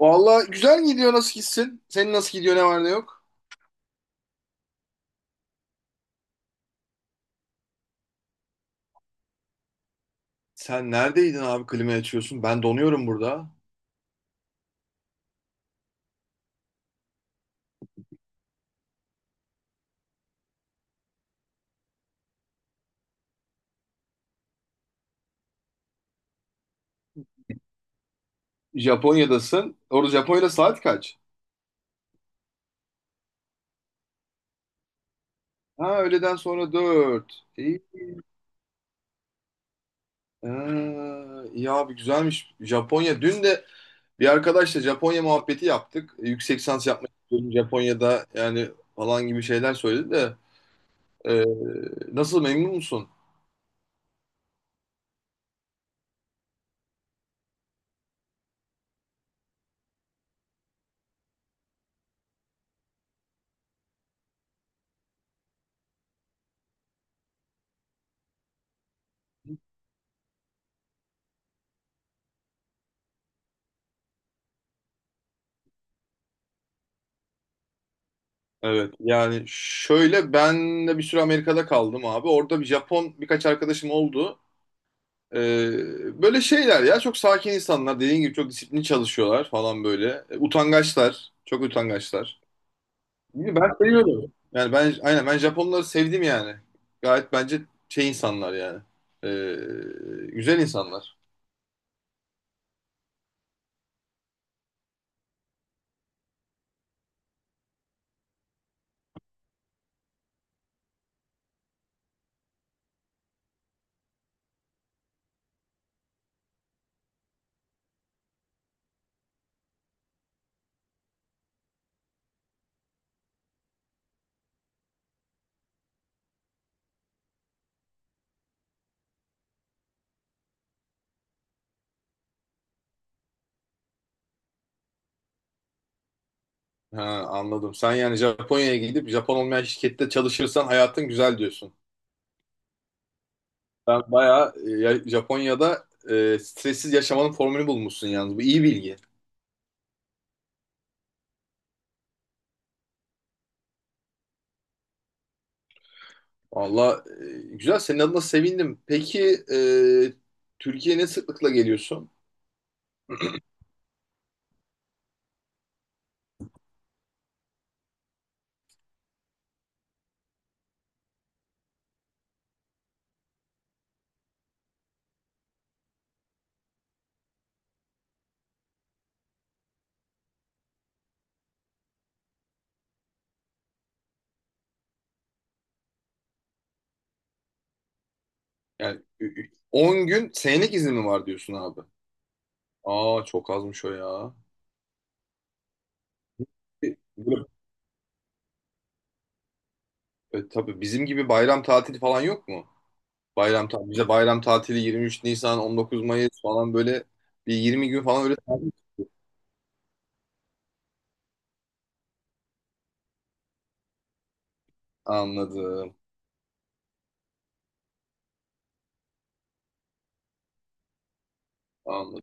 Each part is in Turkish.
Valla güzel gidiyor nasıl gitsin? Senin nasıl gidiyor ne var ne yok? Sen neredeydin abi klimayı açıyorsun? Ben donuyorum burada. Japonya'dasın. Orada Japonya'da saat kaç? Ha öğleden sonra 4. İyi. Ee, iyi abi güzelmiş. Japonya. Dün de bir arkadaşla Japonya muhabbeti yaptık. Yüksek lisans yapmak istiyorum Japonya'da yani falan gibi şeyler söyledi de. Ee, Nasıl memnun musun? Evet yani şöyle ben de bir süre Amerika'da kaldım abi. Orada bir Japon birkaç arkadaşım oldu. Böyle şeyler ya çok sakin insanlar dediğin gibi çok disiplinli çalışıyorlar falan böyle. Utangaçlar. Çok utangaçlar. İyi, ben seviyorum. Yani ben aynen ben Japonları sevdim yani. Gayet bence şey insanlar yani. Güzel insanlar. Ha, anladım. Sen yani Japonya'ya gidip Japon olmayan şirkette çalışırsan hayatın güzel diyorsun. Ben bayağı Japonya'da stressiz yaşamanın formülü bulmuşsun yalnız. Bu iyi bilgi. Valla güzel senin adına sevindim. Peki Türkiye'ye ne sıklıkla geliyorsun? Yani 10 gün senelik izin mi var diyorsun abi? Aa çok azmış o ya. E, Böyle, tabii bizim gibi bayram tatili falan yok mu? Bayram tatili, bize bayram tatili 23 Nisan, 19 Mayıs falan böyle bir 20 gün falan öyle tatil. Anladım, anladım.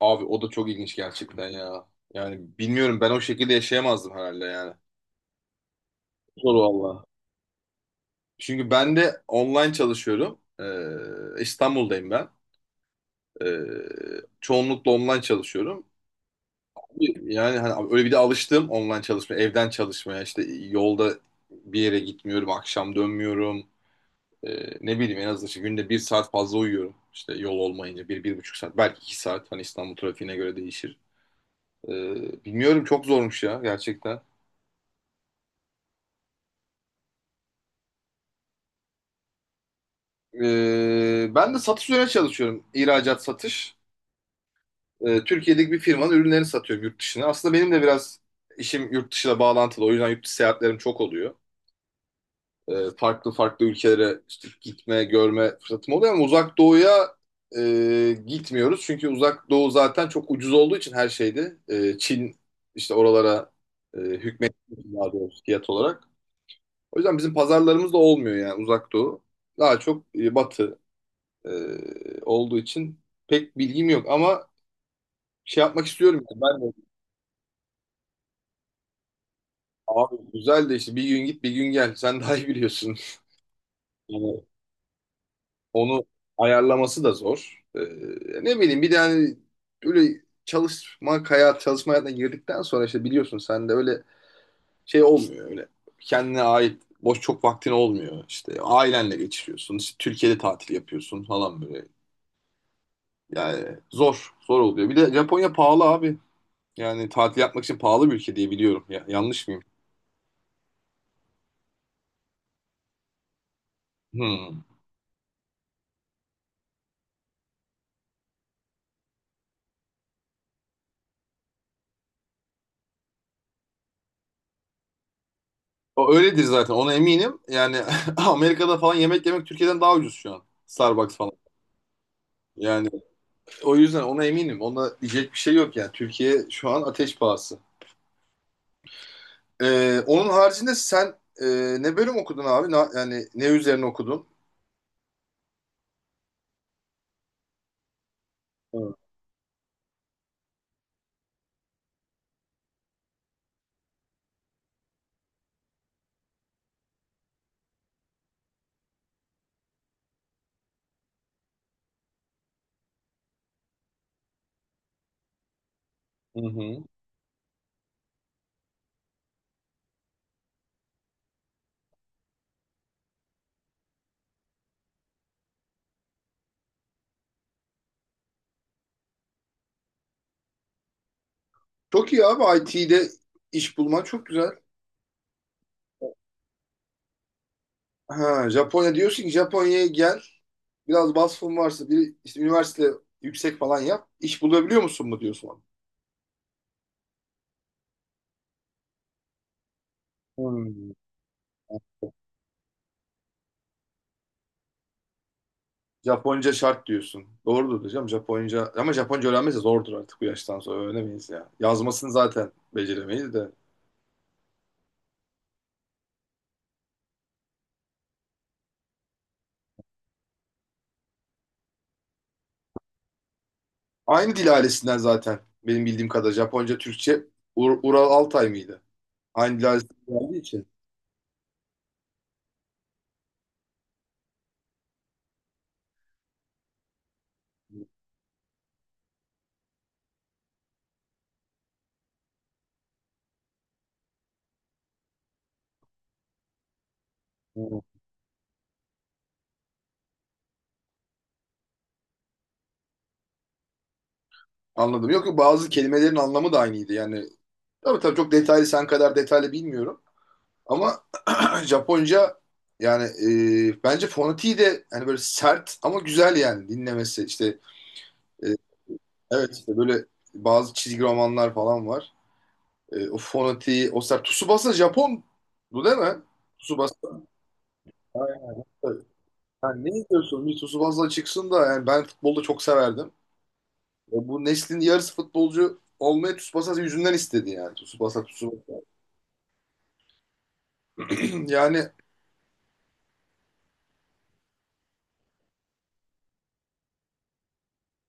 Abi o da çok ilginç gerçekten ya. Yani bilmiyorum ben o şekilde yaşayamazdım herhalde yani. Zor valla. Çünkü ben de online çalışıyorum. İstanbul'dayım ben. Çoğunlukla online çalışıyorum. Yani hani öyle bir de alıştım online çalışmaya, evden çalışmaya. İşte yolda bir yere gitmiyorum, akşam dönmüyorum. Ne bileyim en azından işte günde bir saat fazla uyuyorum. İşte yol olmayınca bir, 1,5 saat, belki 2 saat. Hani İstanbul trafiğine göre değişir. Bilmiyorum çok zormuş ya gerçekten. Ben de satış üzerine çalışıyorum. İhracat satış. Türkiye'deki bir firmanın ürünlerini satıyorum yurt dışına. Aslında benim de biraz işim yurt dışıyla bağlantılı. O yüzden yurt dışı seyahatlerim çok oluyor. Farklı farklı ülkelere işte gitme, görme fırsatım oluyor ama uzak doğuya gitmiyoruz. Çünkü uzak doğu zaten çok ucuz olduğu için her şeydi. Çin işte oralara hükmet daha doğrusu fiyat olarak. O yüzden bizim pazarlarımız da olmuyor yani uzak doğu. Daha çok batı e, olduğu için pek bilgim yok ama şey yapmak istiyorum yani. Abi güzel de işte bir gün git bir gün gel. Sen daha iyi biliyorsun. Yani onu ayarlaması da zor. Ne bileyim bir de hani böyle çalışma hayatına girdikten sonra işte biliyorsun sen de öyle şey olmuyor öyle. Kendine ait boş çok vaktin olmuyor. İşte ailenle geçiriyorsun. İşte Türkiye'de tatil yapıyorsun falan böyle. Yani zor, zor oluyor. Bir de Japonya pahalı abi. Yani tatil yapmak için pahalı bir ülke diye biliyorum. Ya, yanlış mıyım? Hmm. O öyledir zaten ona eminim. Yani Amerika'da falan yemek yemek Türkiye'den daha ucuz şu an. Starbucks falan. Yani o yüzden ona eminim. Ona diyecek bir şey yok yani. Türkiye şu an ateş pahası. Onun haricinde sen e, ne bölüm okudun abi? Yani ne üzerine okudun? Hı hı. Çok iyi abi IT'de iş bulman çok güzel. Ha, Japonya diyorsun ki Japonya'ya gel. Biraz vasfın varsa bir işte üniversite yüksek falan yap. İş bulabiliyor musun mu diyorsun? Japonca şart diyorsun. Doğrudur hocam Japonca. Ama Japonca öğrenmesi zordur artık bu yaştan sonra. Öğrenemeyiz ya. Yazmasını zaten beceremeyiz de. Aynı dil ailesinden zaten. Benim bildiğim kadar Japonca, Türkçe Ural Altay mıydı? Aynı dil ailesinden geldiği için. Hı. Anladım. Yok yok bazı kelimelerin anlamı da aynıydı. Yani tabii tabii çok detaylı sen kadar detaylı bilmiyorum. Ama Japonca yani bence fonetiği de hani böyle sert ama güzel yani dinlemesi işte evet işte böyle bazı çizgi romanlar falan var. O fonetiği, o ser. Tsubasa Japon bu değil mi? Tsubasa. Aynen. Öyle. Yani ne diyorsun? Bir Tsubasa çıksın da yani ben futbolda çok severdim. Bu neslin yarısı futbolcu olmayı Tsubasa yüzünden istedi yani. Tsubasa, Tsubasa. Yani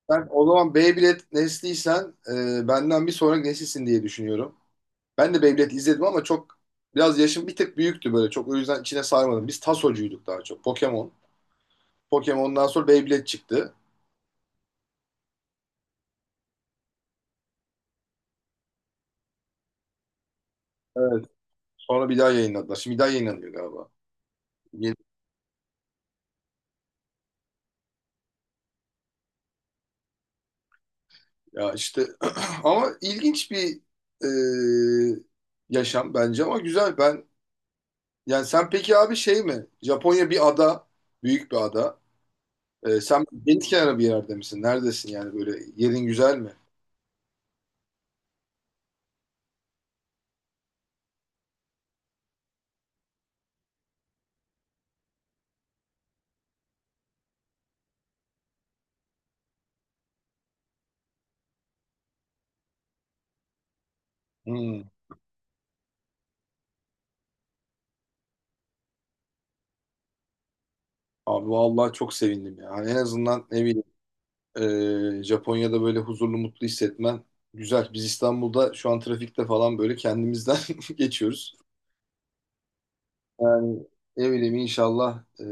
ben o zaman Beyblade nesliysen benden bir sonraki nesilsin diye düşünüyorum. Ben de Beyblade izledim ama çok biraz yaşım bir tık büyüktü böyle. Çok o yüzden içine sarmadım. Biz Tasocuyduk daha çok. Pokemon. Pokemon'dan sonra Beyblade çıktı. Evet. Sonra bir daha yayınladılar. Şimdi bir daha yayınlanıyor galiba. Yeni- Ya işte ama ilginç bir e, yaşam bence ama güzel ben yani sen peki abi şey mi? Japonya bir ada, büyük bir ada. Sen deniz kenarı bir yerde misin? Neredesin yani böyle yerin güzel mi? Hmm. Abi vallahi çok sevindim ya. Hani en azından ne bileyim Japonya'da böyle huzurlu mutlu hissetmen güzel. Biz İstanbul'da şu an trafikte falan böyle kendimizden geçiyoruz. Yani ne bileyim inşallah.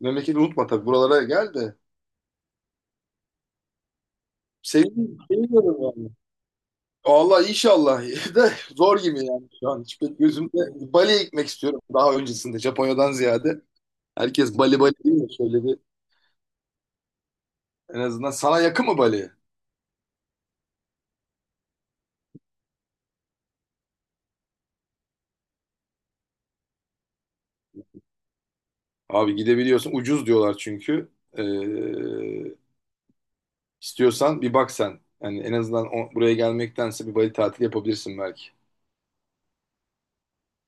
Memleketi unutma tabii. Buralara gel de. Seviyorum yani. Allah inşallah de zor gibi yani şu an. Hiç pek gözümde Bali'ye gitmek istiyorum daha öncesinde Japonya'dan ziyade. Herkes Bali Bali değil mi? Şöyle bir en azından sana yakın mı Bali? Abi gidebiliyorsun. Ucuz diyorlar çünkü. Ee, istiyorsan bir bak sen. Yani en azından buraya gelmektense bir Bali tatili yapabilirsin belki.